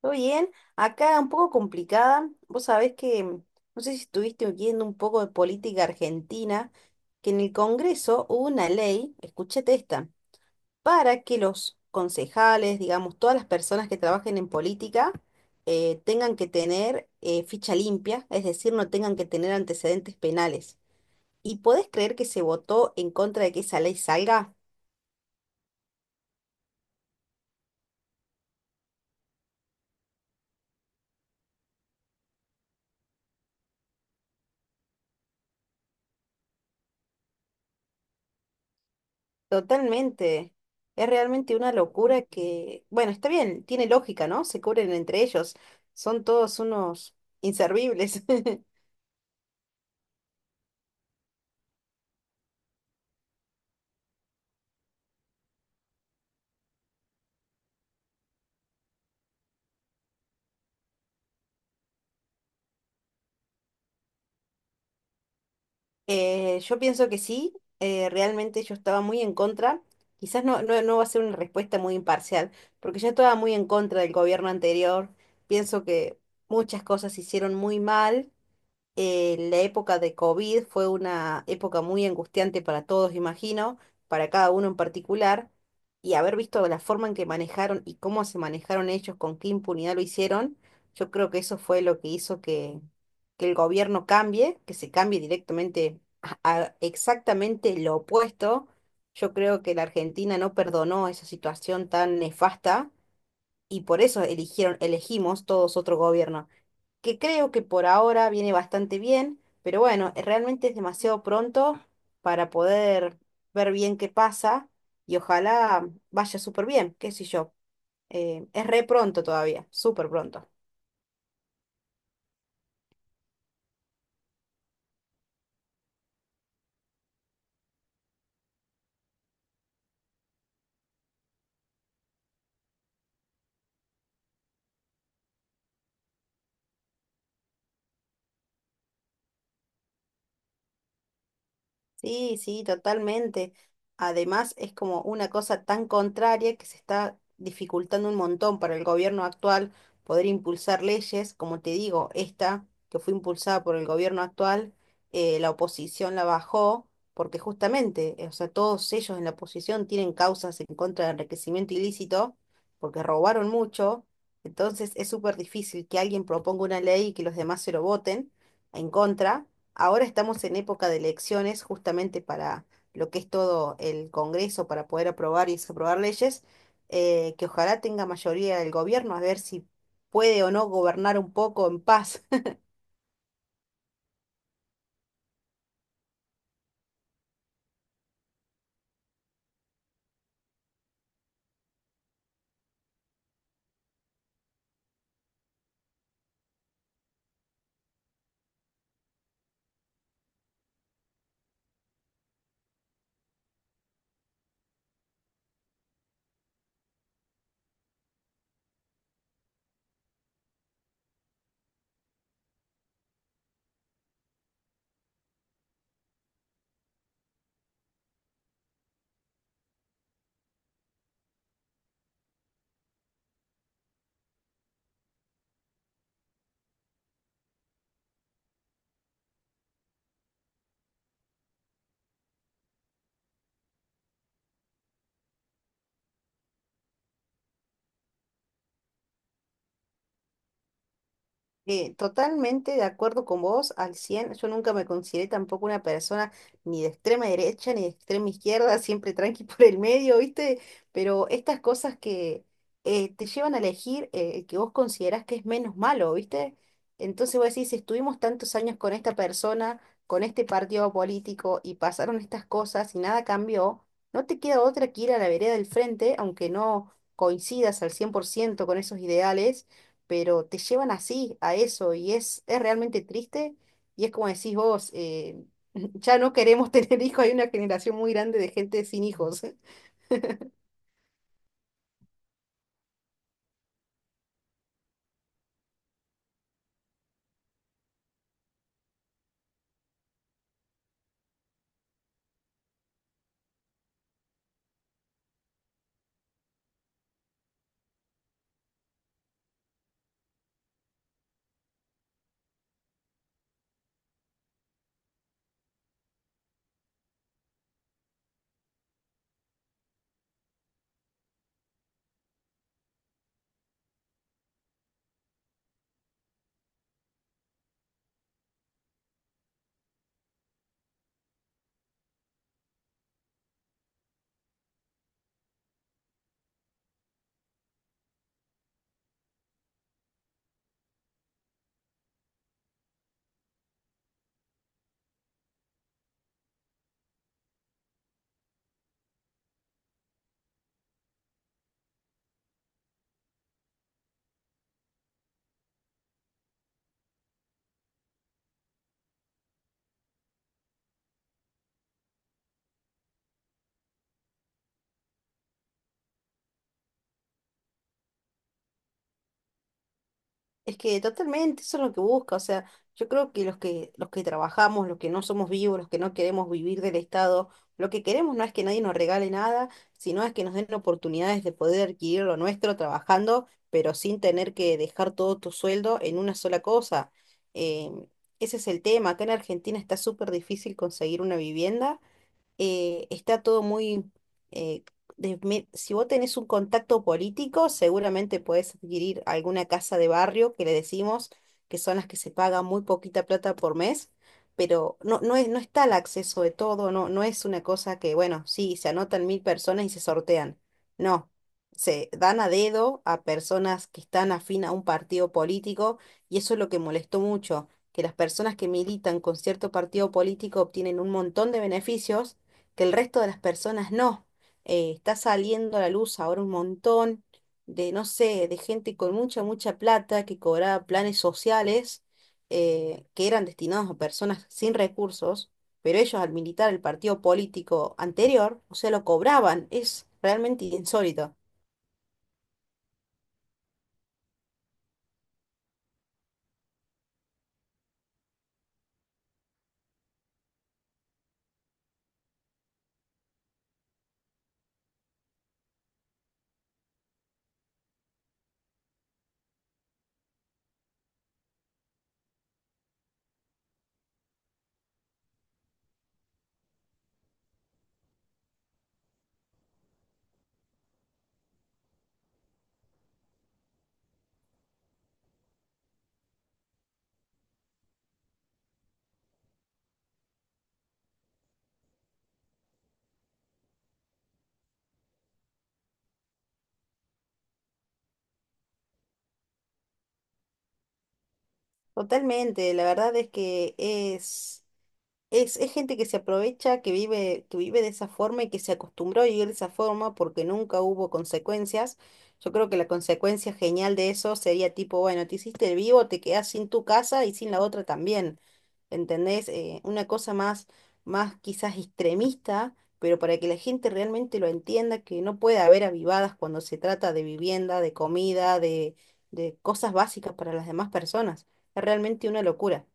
Todo bien, acá un poco complicada. Vos sabés que, no sé si estuviste oyendo un poco de política argentina, que en el Congreso hubo una ley, escúchate esta, para que los concejales, digamos, todas las personas que trabajen en política, tengan que tener ficha limpia, es decir, no tengan que tener antecedentes penales. ¿Y podés creer que se votó en contra de que esa ley salga? Totalmente. Es realmente una locura que, bueno, está bien, tiene lógica, ¿no? Se cubren entre ellos. Son todos unos inservibles. Yo pienso que sí, realmente yo estaba muy en contra. Quizás no, no, no va a ser una respuesta muy imparcial, porque yo estaba muy en contra del gobierno anterior. Pienso que muchas cosas se hicieron muy mal, la época de COVID fue una época muy angustiante para todos, imagino, para cada uno en particular, y haber visto la forma en que manejaron y cómo se manejaron ellos, con qué impunidad lo hicieron. Yo creo que eso fue lo que hizo que el gobierno cambie, que se cambie directamente a exactamente lo opuesto. Yo creo que la Argentina no perdonó esa situación tan nefasta, y por eso eligieron, elegimos todos otro gobierno que creo que por ahora viene bastante bien, pero bueno, realmente es demasiado pronto para poder ver bien qué pasa y ojalá vaya súper bien, qué sé yo. Es re pronto todavía, súper pronto. Sí, sí, totalmente. Además, es como una cosa tan contraria que se está dificultando un montón para el gobierno actual poder impulsar leyes. Como te digo, esta que fue impulsada por el gobierno actual, la oposición la bajó porque justamente, o sea, todos ellos en la oposición tienen causas en contra del enriquecimiento ilícito porque robaron mucho. Entonces, es súper difícil que alguien proponga una ley y que los demás se lo voten en contra. Ahora estamos en época de elecciones, justamente para lo que es todo el Congreso, para poder aprobar y desaprobar leyes, que ojalá tenga mayoría el gobierno, a ver si puede o no gobernar un poco en paz. Totalmente de acuerdo con vos, al 100%. Yo nunca me consideré tampoco una persona ni de extrema derecha ni de extrema izquierda, siempre tranqui por el medio, ¿viste? Pero estas cosas que te llevan a elegir el que vos considerás que es menos malo, ¿viste? Entonces vos decís, si estuvimos tantos años con esta persona, con este partido político y pasaron estas cosas y nada cambió, no te queda otra que ir a la vereda del frente, aunque no coincidas al 100% con esos ideales, pero te llevan así, a eso, y es realmente triste, y es como decís vos, ya no queremos tener hijos, hay una generación muy grande de gente sin hijos. Es que totalmente, eso es lo que busca. O sea, yo creo que los que trabajamos, los que no somos vivos, los que no queremos vivir del Estado, lo que queremos no es que nadie nos regale nada, sino es que nos den oportunidades de poder adquirir lo nuestro trabajando, pero sin tener que dejar todo tu sueldo en una sola cosa. Em, Ese es el tema. Acá en Argentina está súper difícil conseguir una vivienda, está todo muy... eh, si vos tenés un contacto político, seguramente podés adquirir alguna casa de barrio que le decimos, que son las que se paga muy poquita plata por mes, pero no, no es, no está el acceso de todo, no, no es una cosa que, bueno, sí, se anotan 1.000 personas y se sortean. No, se dan a dedo a personas que están afín a un partido político, y eso es lo que molestó mucho, que las personas que militan con cierto partido político obtienen un montón de beneficios que el resto de las personas no. Está saliendo a la luz ahora un montón de, no sé, de gente con mucha, mucha plata que cobraba planes sociales, que eran destinados a personas sin recursos, pero ellos al militar el partido político anterior, o sea, lo cobraban. Es realmente insólito. Totalmente, la verdad es que es... Es gente que se aprovecha, que vive de esa forma y que se acostumbró a vivir de esa forma porque nunca hubo consecuencias. Yo creo que la consecuencia genial de eso sería tipo, bueno, te hiciste el vivo, te quedás sin tu casa y sin la otra también. ¿Entendés? Una cosa más, más quizás extremista, pero para que la gente realmente lo entienda, que no puede haber avivadas cuando se trata de vivienda, de comida, de cosas básicas para las demás personas. Es realmente una locura.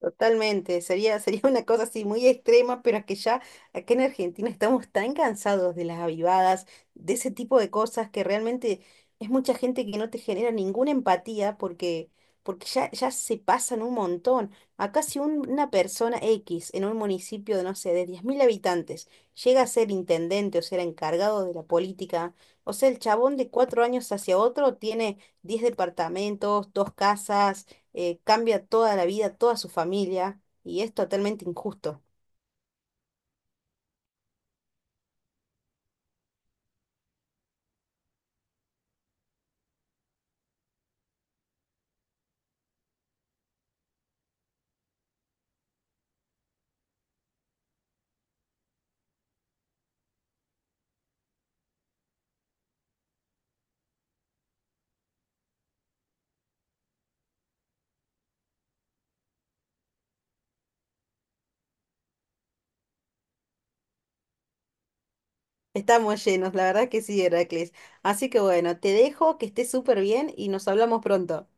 Totalmente, sería, sería una cosa así muy extrema, pero es que ya acá en Argentina estamos tan cansados de las avivadas, de ese tipo de cosas que realmente es mucha gente que no te genera ninguna empatía porque ya, ya se pasan un montón. Acá si una persona X en un municipio de, no sé, de 10.000 habitantes llega a ser intendente o ser encargado de la política, o sea, el chabón de 4 años hacia otro tiene 10 departamentos, dos casas, cambia toda la vida, toda su familia, y es totalmente injusto. Estamos llenos, la verdad que sí, Heracles. Así que bueno, te dejo, que estés súper bien y nos hablamos pronto.